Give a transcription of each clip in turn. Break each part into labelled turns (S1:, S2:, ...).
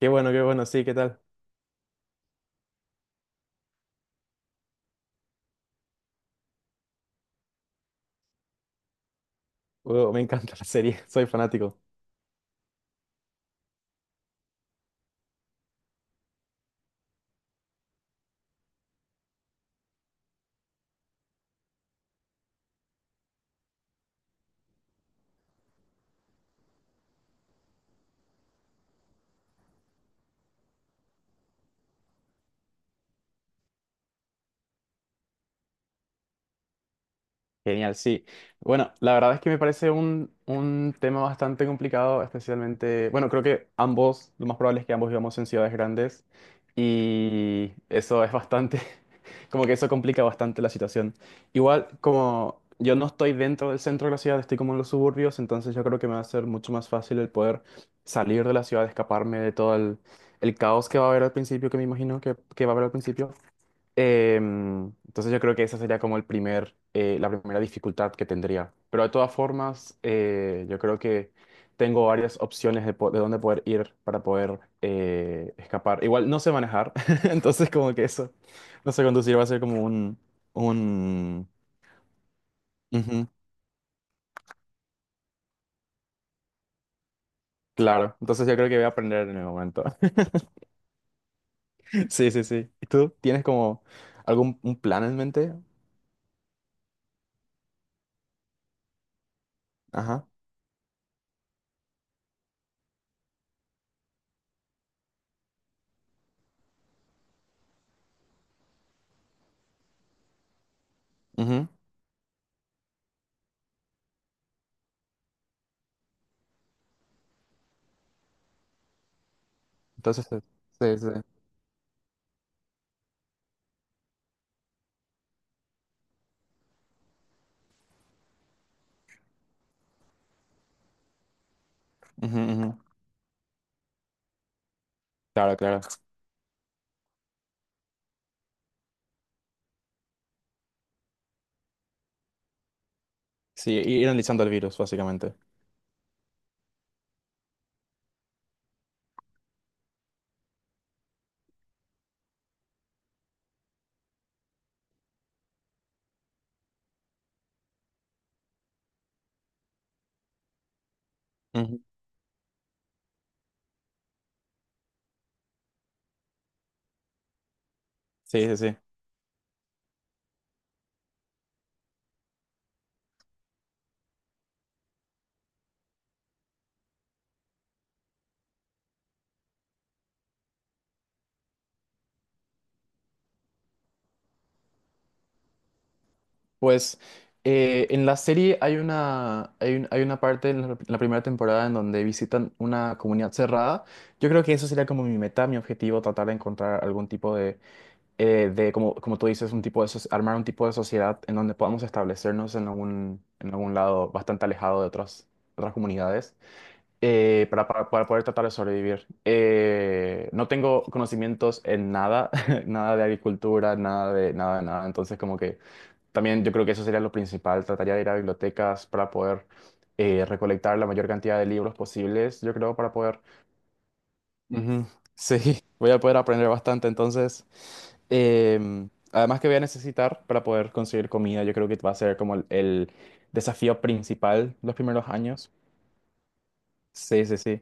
S1: Qué bueno, sí, ¿qué tal? Wow, me encanta la serie, soy fanático. Genial, sí. Bueno, la verdad es que me parece un tema bastante complicado, especialmente, bueno, creo que ambos, lo más probable es que ambos vivamos en ciudades grandes y eso es bastante, como que eso complica bastante la situación. Igual, como yo no estoy dentro del centro de la ciudad, estoy como en los suburbios, entonces yo creo que me va a ser mucho más fácil el poder salir de la ciudad, escaparme de todo el caos que va a haber al principio, que me imagino que va a haber al principio. Entonces yo creo que esa sería como el primer, la primera dificultad que tendría. Pero de todas formas, yo creo que tengo varias opciones de, de dónde poder ir para poder escapar. Igual no sé manejar, entonces como que eso, no sé conducir, va a ser como un... ujú, claro, entonces yo creo que voy a aprender en el momento. Sí, sí, sí. ¿Y tú tienes como algún un plan en mente? Ajá. Ujú. Entonces, sí, sí, sí. Ujú, ujú. Claro, claro. Sí, ir analizando el virus, básicamente. Ujú. Sí, sí, sí. Pues en la serie hay una, hay una parte en la primera temporada en donde visitan una comunidad cerrada. Yo creo que eso sería como mi meta, mi objetivo, tratar de encontrar algún tipo de como, como tú dices, un tipo de, armar un tipo de sociedad en donde podamos establecernos en algún lado bastante alejado de otras, otras comunidades. Para poder tratar de sobrevivir. No tengo conocimientos en nada, nada de agricultura, nada de nada de nada. Entonces, como que también yo creo que eso sería lo principal. Trataría de ir a bibliotecas para poder recolectar la mayor cantidad de libros posibles, yo creo, para poder... Ujú, sí, voy a poder aprender bastante. Entonces, además que voy a necesitar para poder conseguir comida, yo creo que va a ser como el desafío principal los primeros años. Sí, sí, sí.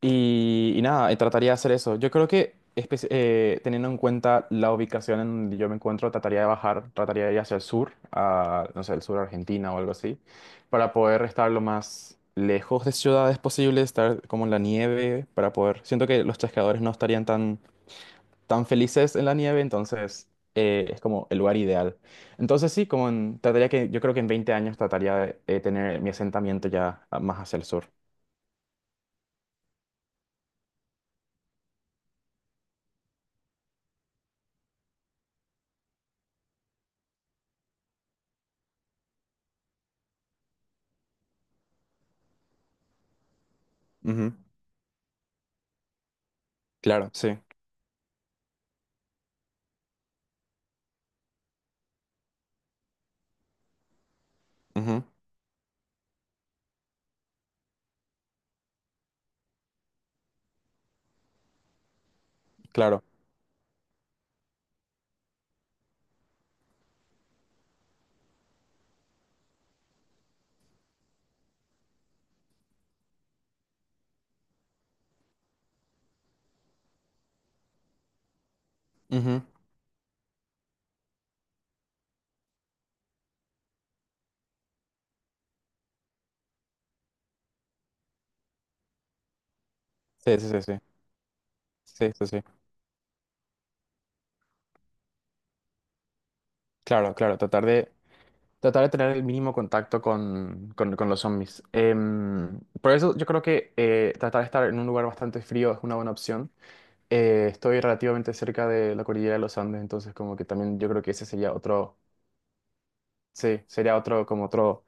S1: Y nada, trataría de hacer eso. Yo creo que teniendo en cuenta la ubicación en donde yo me encuentro, trataría de bajar, trataría de ir hacia el sur, a, no sé, el sur de Argentina o algo así, para poder estar lo más lejos de ciudades posible, estar como en la nieve, para poder... Siento que los chasqueadores no estarían tan, tan felices en la nieve, entonces es como el lugar ideal. Entonces sí, trataría que, yo creo que en 20 años trataría de tener mi asentamiento ya más hacia el sur. Ujú, claro, sí. Claro. Ujú. Sí, sí, sí, sí. Sí, sí, sí. Claro, claro. Tratar de tener el mínimo contacto con, con los zombies. Por eso yo creo que tratar de estar en un lugar bastante frío es una buena opción. Estoy relativamente cerca de la cordillera de los Andes, entonces como que también yo creo que ese sería otro, sí, sería otro, como otro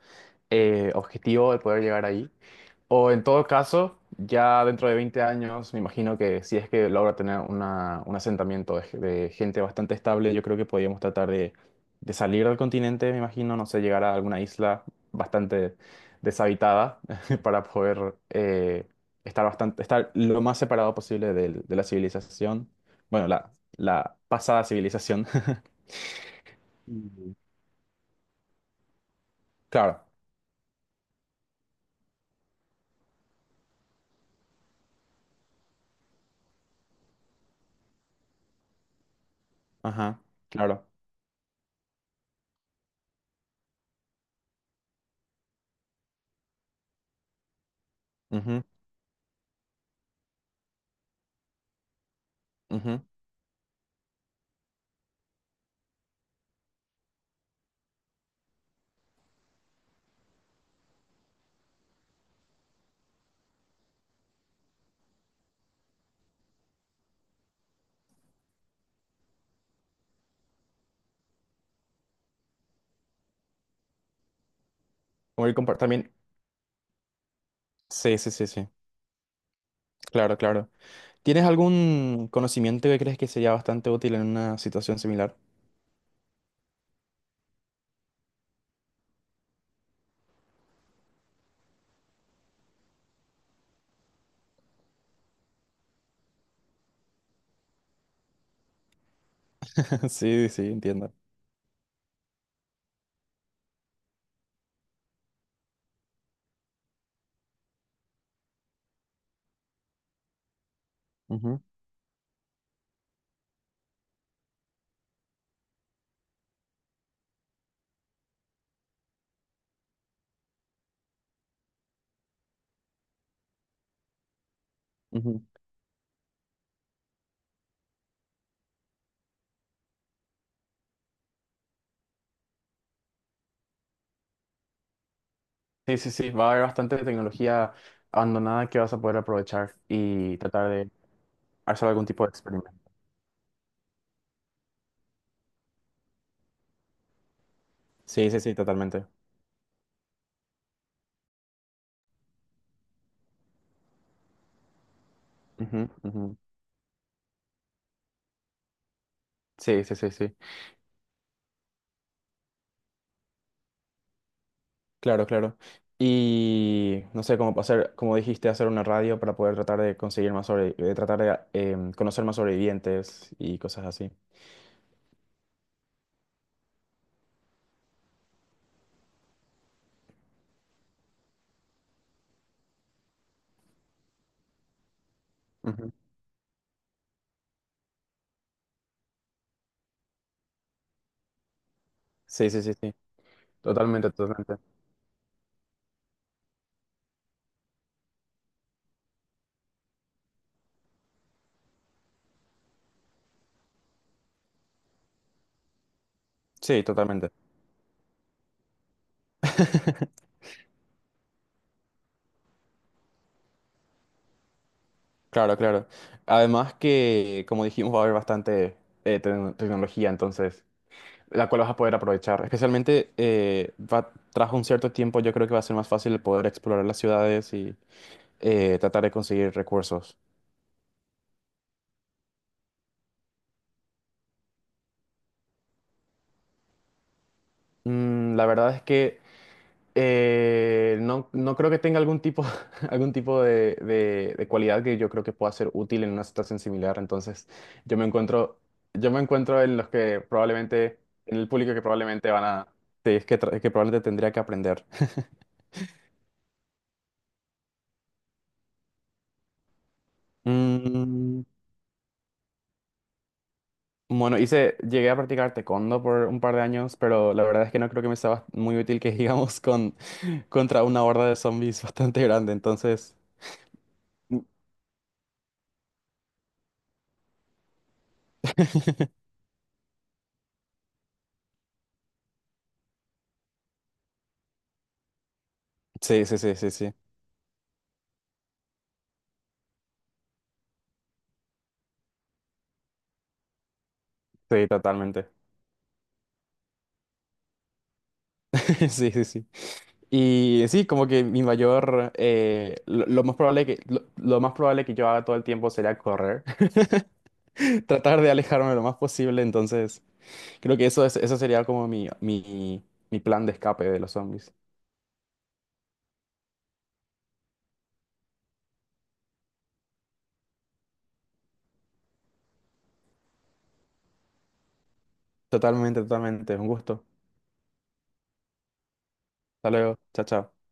S1: objetivo de poder llegar ahí. O en todo caso, ya dentro de 20 años, me imagino que si es que logra tener un asentamiento de, de gente bastante estable, yo creo que podríamos tratar de salir del continente, me imagino, no sé, llegar a alguna isla bastante deshabitada para poder estar bastante, estar lo más separado posible de, la civilización, bueno, la pasada civilización. Mm. Claro, ajá, claro. Ujú, ujú. También, sí, sí, sí, sí, claro, claro. ¿Tienes algún conocimiento que crees que sería bastante útil en una situación similar? Sí, sí, entiendo. Ujú, ujú. Sí, sí, sí, va a haber bastante tecnología abandonada que vas a poder aprovechar y tratar de hacer algún tipo de experimento. Sí, sí, sí, totalmente. Ujú, ujú. Sí, sí, sí, sí. Claro, claro. Y no sé, cómo hacer, como dijiste, hacer una radio para poder tratar de conseguir más sobre, de tratar de conocer más sobrevivientes y cosas así. Ujú. Sí, sí, sí, sí. Totalmente, totalmente. Sí, totalmente. Claro, claro. Además que, como dijimos, va a haber bastante tecnología, entonces, la cual vas a poder aprovechar. Especialmente, tras un cierto tiempo, yo creo que va a ser más fácil el poder explorar las ciudades y tratar de conseguir recursos. Mm, la verdad es que no, no creo que tenga algún tipo, algún tipo de, de cualidad que yo creo que pueda ser útil en una situación similar. Entonces, yo me encuentro, yo me encuentro en los que probablemente, en el público que probablemente van a, sí, es que, que probablemente tendría que aprender. Mm, bueno, hice, llegué a practicar taekwondo por un par de años, pero la verdad es que no creo que me sea muy útil que digamos con, contra una horda de zombies bastante grande. Entonces, sí, sí, sí, sí, sí, sí, totalmente. Sí, sí, sí. Y sí, como que mi mayor, lo más probable que, lo más probable que yo haga todo el tiempo sería correr, tratar de alejarme lo más posible, entonces creo que eso es, eso sería como mi plan de escape de los zombies. Totalmente, totalmente, un gusto. Hasta luego, chao, chao.